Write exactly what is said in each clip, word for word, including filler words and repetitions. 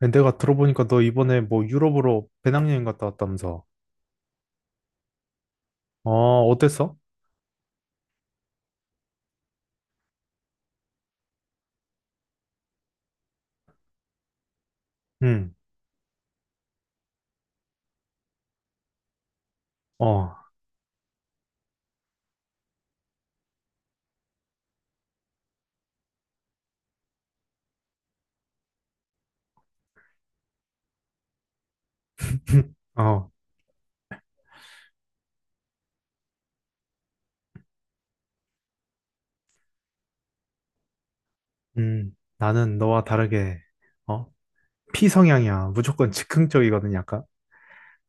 아니, 내가 들어보니까 너 이번에 뭐 유럽으로 배낭여행 갔다 왔다면서. 어, 어땠어? 응, 어, 어, 음, 나는 너와 다르게, 어, 피성향이야. 무조건 즉흥적이거든, 약간.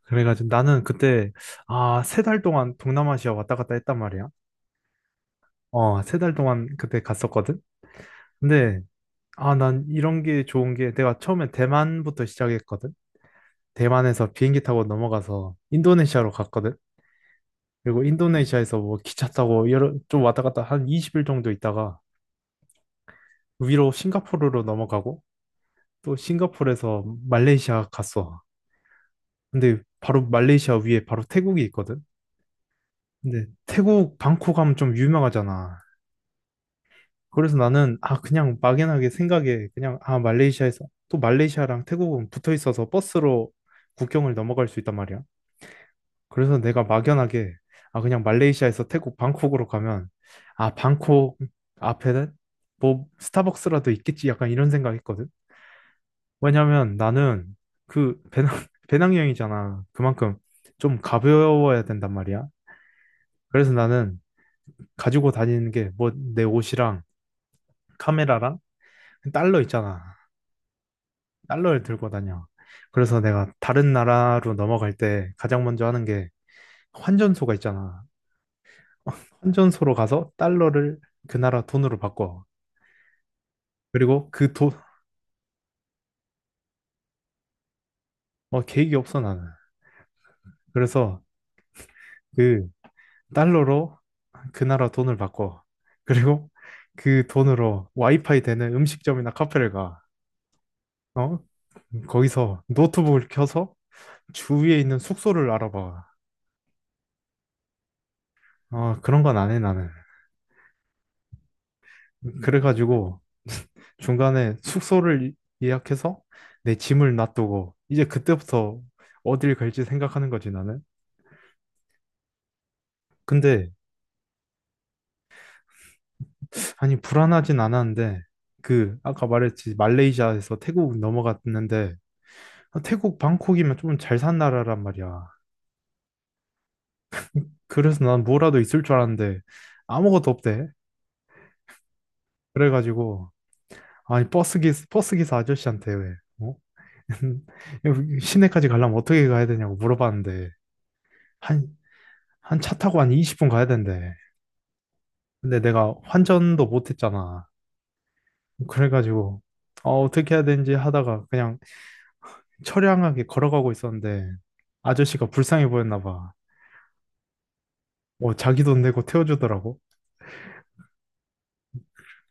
그래가지고 나는 그때, 아, 세 달 동안 동남아시아 왔다 갔다 했단 말이야. 어, 세 달 동안 그때 갔었거든? 근데, 아, 난 이런 게 좋은 게 내가 처음에 대만부터 시작했거든? 대만에서 비행기 타고 넘어가서 인도네시아로 갔거든? 그리고 인도네시아에서 뭐 기차 타고 여러 좀 왔다 갔다 한 이십 일 정도 있다가 위로 싱가포르로 넘어가고 또 싱가포르에서 말레이시아 갔어. 근데 바로 말레이시아 위에 바로 태국이 있거든. 근데 태국 방콕 하면 좀 유명하잖아. 그래서 나는 아 그냥 막연하게 생각에 그냥 아 말레이시아에서 또 말레이시아랑 태국은 붙어 있어서 버스로 국경을 넘어갈 수 있단 말이야. 그래서 내가 막연하게 아 그냥 말레이시아에서 태국 방콕으로 가면 아 방콕 앞에는 뭐 스타벅스라도 있겠지 약간 이런 생각했거든. 왜냐면 나는 그 배낭 배낭여행이잖아. 그만큼 좀 가벼워야 된단 말이야. 그래서 나는 가지고 다니는 게 뭐 내 옷이랑 카메라랑 달러 있잖아. 달러를 들고 다녀. 그래서 내가 다른 나라로 넘어갈 때 가장 먼저 하는 게 환전소가 있잖아. 환전소로 가서 달러를 그 나라 돈으로 바꿔. 그리고 그 돈, 어, 계획이 없어, 나는. 그래서 그 달러로 그 나라 돈을 바꿔. 그리고 그 돈으로 와이파이 되는 음식점이나 카페를 가. 어? 거기서 노트북을 켜서 주위에 있는 숙소를 알아봐. 어, 그런 건 안 해, 나는. 그래가지고 중간에 숙소를 예약해서 내 짐을 놔두고 이제 그때부터 어딜 갈지 생각하는 거지, 나는. 근데 아니, 불안하진 않았는데, 그, 아까 말했지, 말레이시아에서 태국 넘어갔는데, 아, 태국 방콕이면 좀 잘 산 나라란 말이야. 그래서 난 뭐라도 있을 줄 알았는데, 아무것도 없대. 그래가지고, 아니, 버스 기, 버스 기사 아저씨한테 왜, 어? 여기 시내까지 가려면 어떻게 가야 되냐고 물어봤는데, 한, 한 차 타고 한 이십 분 가야 된대. 근데 내가 환전도 못 했잖아. 그래가지고, 어, 어떻게 해야 되는지 하다가 그냥 처량하게 걸어가고 있었는데 아저씨가 불쌍해 보였나 봐. 어, 자기 돈 내고 태워주더라고.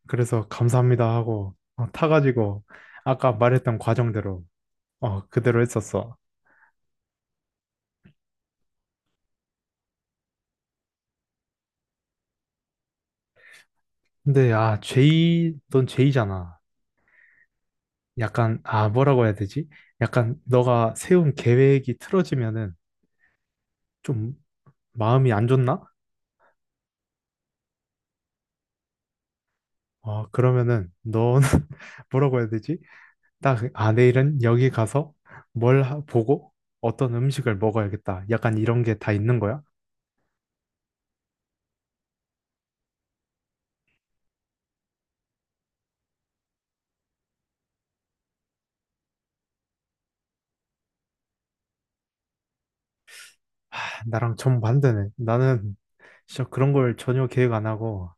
그래서 감사합니다 하고 어, 타가지고 아까 말했던 과정대로 어, 그대로 했었어. 근데 아, 제이, 넌 제이잖아. 약간 아, 뭐라고 해야 되지? 약간 너가 세운 계획이 틀어지면은 좀 마음이 안 좋나? 어, 그러면은 너는 뭐라고 해야 되지? 딱, 아, 내일은 여기 가서 뭘 하- 보고 어떤 음식을 먹어야겠다. 약간 이런 게 다 있는 거야? 아, 나랑 정반대네. 나는 진짜 그런 걸 전혀 계획 안 하고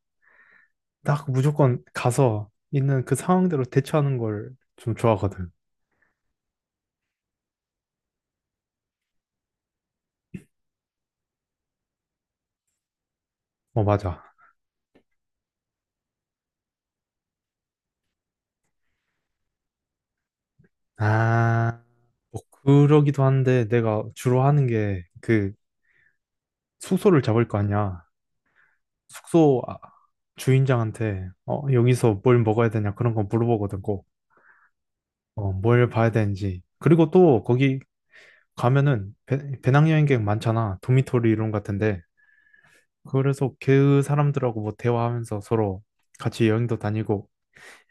딱 무조건 가서 있는 그 상황대로 대처하는 걸 좀 좋아하거든. 어, 맞아. 아, 뭐 그러기도 한데 내가 주로 하는 게 그 숙소를 잡을 거 아니야. 숙소 아, 주인장한테 어, 여기서 뭘 먹어야 되냐 그런 거 물어보거든. 어, 뭘 봐야 되는지. 그리고 또 거기 가면은 배, 배낭여행객 많잖아. 도미토리 이런 같은데. 그래서 그 사람들하고 뭐 대화하면서 서로 같이 여행도 다니고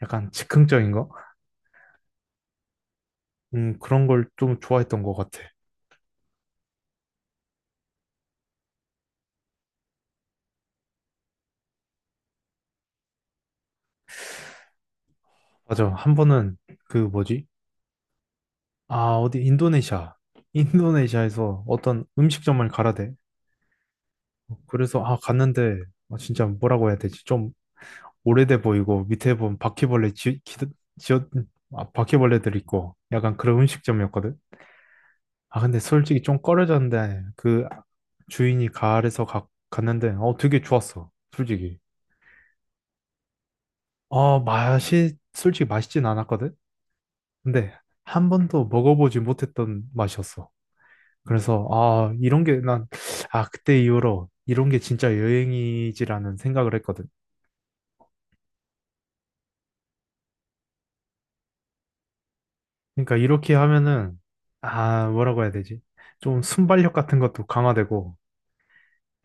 약간 즉흥적인 거? 음, 그런 걸 좀 좋아했던 것 같아. 맞아. 한 번은 그 뭐지? 아, 어디 인도네시아. 인도네시아에서 어떤 음식점을 가라 대. 그래서 아, 갔는데 아, 진짜 뭐라고 해야 되지? 좀 오래돼 보이고 밑에 보면 바퀴벌레 지, 기, 지어, 아, 바퀴벌레들 있고 약간 그런 음식점이었거든. 아 근데 솔직히 좀 꺼려졌는데 그 주인이 가을에서 가, 갔는데 어 되게 좋았어. 솔직히. 어 맛이 솔직히 맛있진 않았거든. 근데 한 번도 먹어보지 못했던 맛이었어. 그래서 아 이런 게 난 아 그때 이후로 이런 게 진짜 여행이지라는 생각을 했거든. 그러니까 이렇게 하면은 아 뭐라고 해야 되지? 좀 순발력 같은 것도 강화되고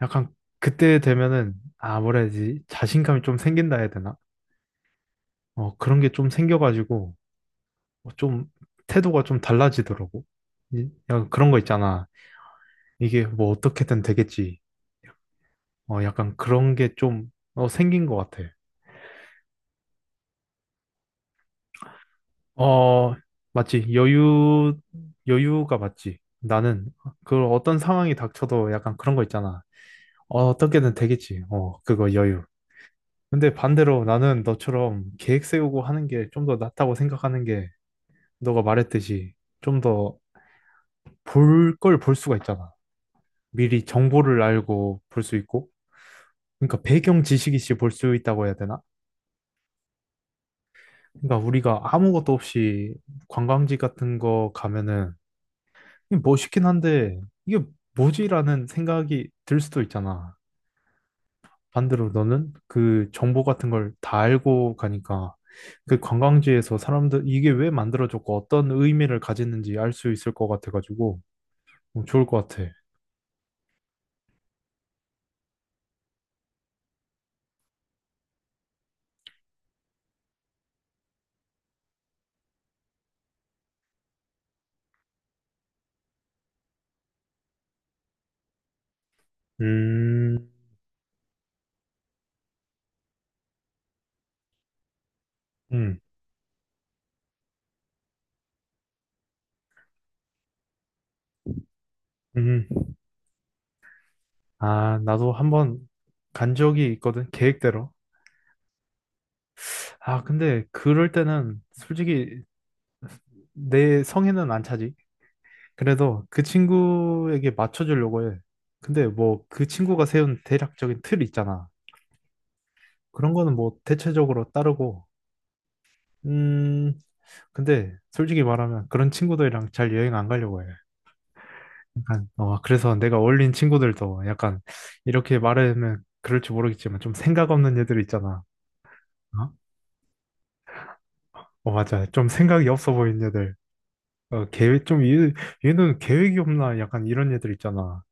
약간 그때 되면은 아 뭐라 해야 되지? 자신감이 좀 생긴다 해야 되나? 어 그런 게 좀 생겨가지고 어, 좀 태도가 좀 달라지더라고. 이- 약간 그런 거 있잖아. 이게 뭐 어떻게든 되겠지. 어 약간 그런 게 좀 어, 생긴 것 같아. 어 맞지? 여유 여유가 맞지? 나는 그 어떤 상황이 닥쳐도 약간 그런 거 있잖아. 어, 어떻게든 되겠지. 어, 그거 여유. 근데 반대로 나는 너처럼 계획 세우고 하는 게 좀 더 낫다고 생각하는 게 너가 말했듯이 좀 더 볼 걸 볼 수가 있잖아. 미리 정보를 알고 볼 수 있고. 그러니까 배경 지식이시 볼 수 있다고 해야 되나? 그러니까 우리가 아무것도 없이 관광지 같은 거 가면은 이게 멋있긴 한데 이게 뭐지라는 생각이 들 수도 있잖아. 반대로 너는 그 정보 같은 걸 다 알고 가니까 그 관광지에서 사람들 이게 왜 만들어졌고 어떤 의미를 가졌는지 알 수 있을 것 같아가지고 어, 좋을 것 같아. 음, 음, 음. 아, 나도 한번 간 적이 있거든, 계획대로. 아, 근데 그럴 때는 솔직히 내 성에는 안 차지. 그래도 그 친구에게 맞춰주려고 해. 근데 뭐 그 친구가 세운 대략적인 틀 있잖아. 그런 거는 뭐 대체적으로 따르고 음, 근데 솔직히 말하면 그런 친구들이랑 잘 여행 안 가려고 해. 약간, 어, 그래서 내가 어울린 친구들도 약간 이렇게 말하면 그럴지 모르겠지만 좀 생각 없는 애들 있잖아. 어? 어, 맞아. 좀 생각이 없어 보이는 애들. 어, 계획, 좀, 얘, 얘는 계획이 없나? 약간 이런 애들 있잖아.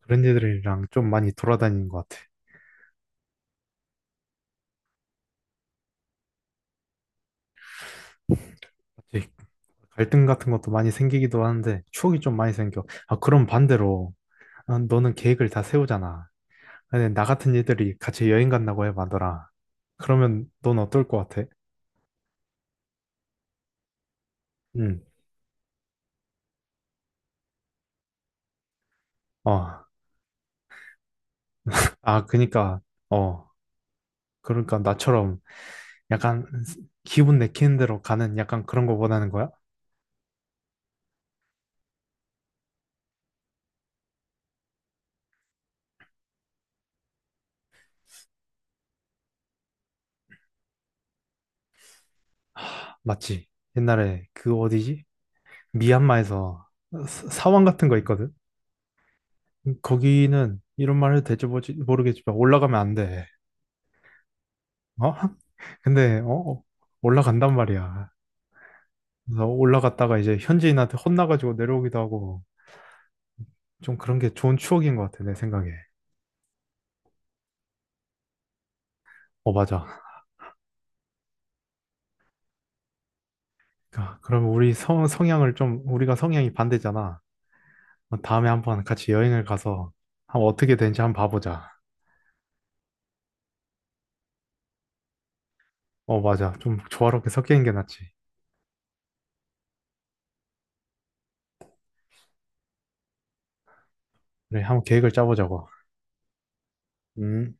그런 애들이랑 좀 많이 돌아다니는 것 같아. 이제 갈등 같은 것도 많이 생기기도 하는데 추억이 좀 많이 생겨. 아, 그럼 반대로, 아, 너는 계획을 다 세우잖아. 아니, 나 같은 애들이 같이 여행 간다고 해봐더라. 그러면 넌 어떨 것 같아? 응. 어. 아, 그니까, 어. 그러니까 나처럼 약간 기분 내키는 대로 가는 약간 그런 거 원하는 거야? 맞지? 옛날에 그 어디지? 미얀마에서 사- 사원 같은 거 있거든? 거기는 이런 말 해도 될지 모르지- 모르겠지만 올라가면 안 돼. 어? 근데, 어? 어, 올라간단 말이야. 그래서 올라갔다가 이제 현지인한테 혼나가지고 내려오기도 하고. 좀 그런 게 좋은 추억인 것 같아, 내 생각에. 어, 맞아. 그러니까 그럼 우리 성, 성향을 좀, 우리가 성향이 반대잖아. 어, 다음에 한번 같이 여행을 가서 한 어떻게 되는지 한번 봐보자. 어, 맞아. 좀 조화롭게 섞이는 게 낫지. 그래, 한번 계획을 짜보자고. 음.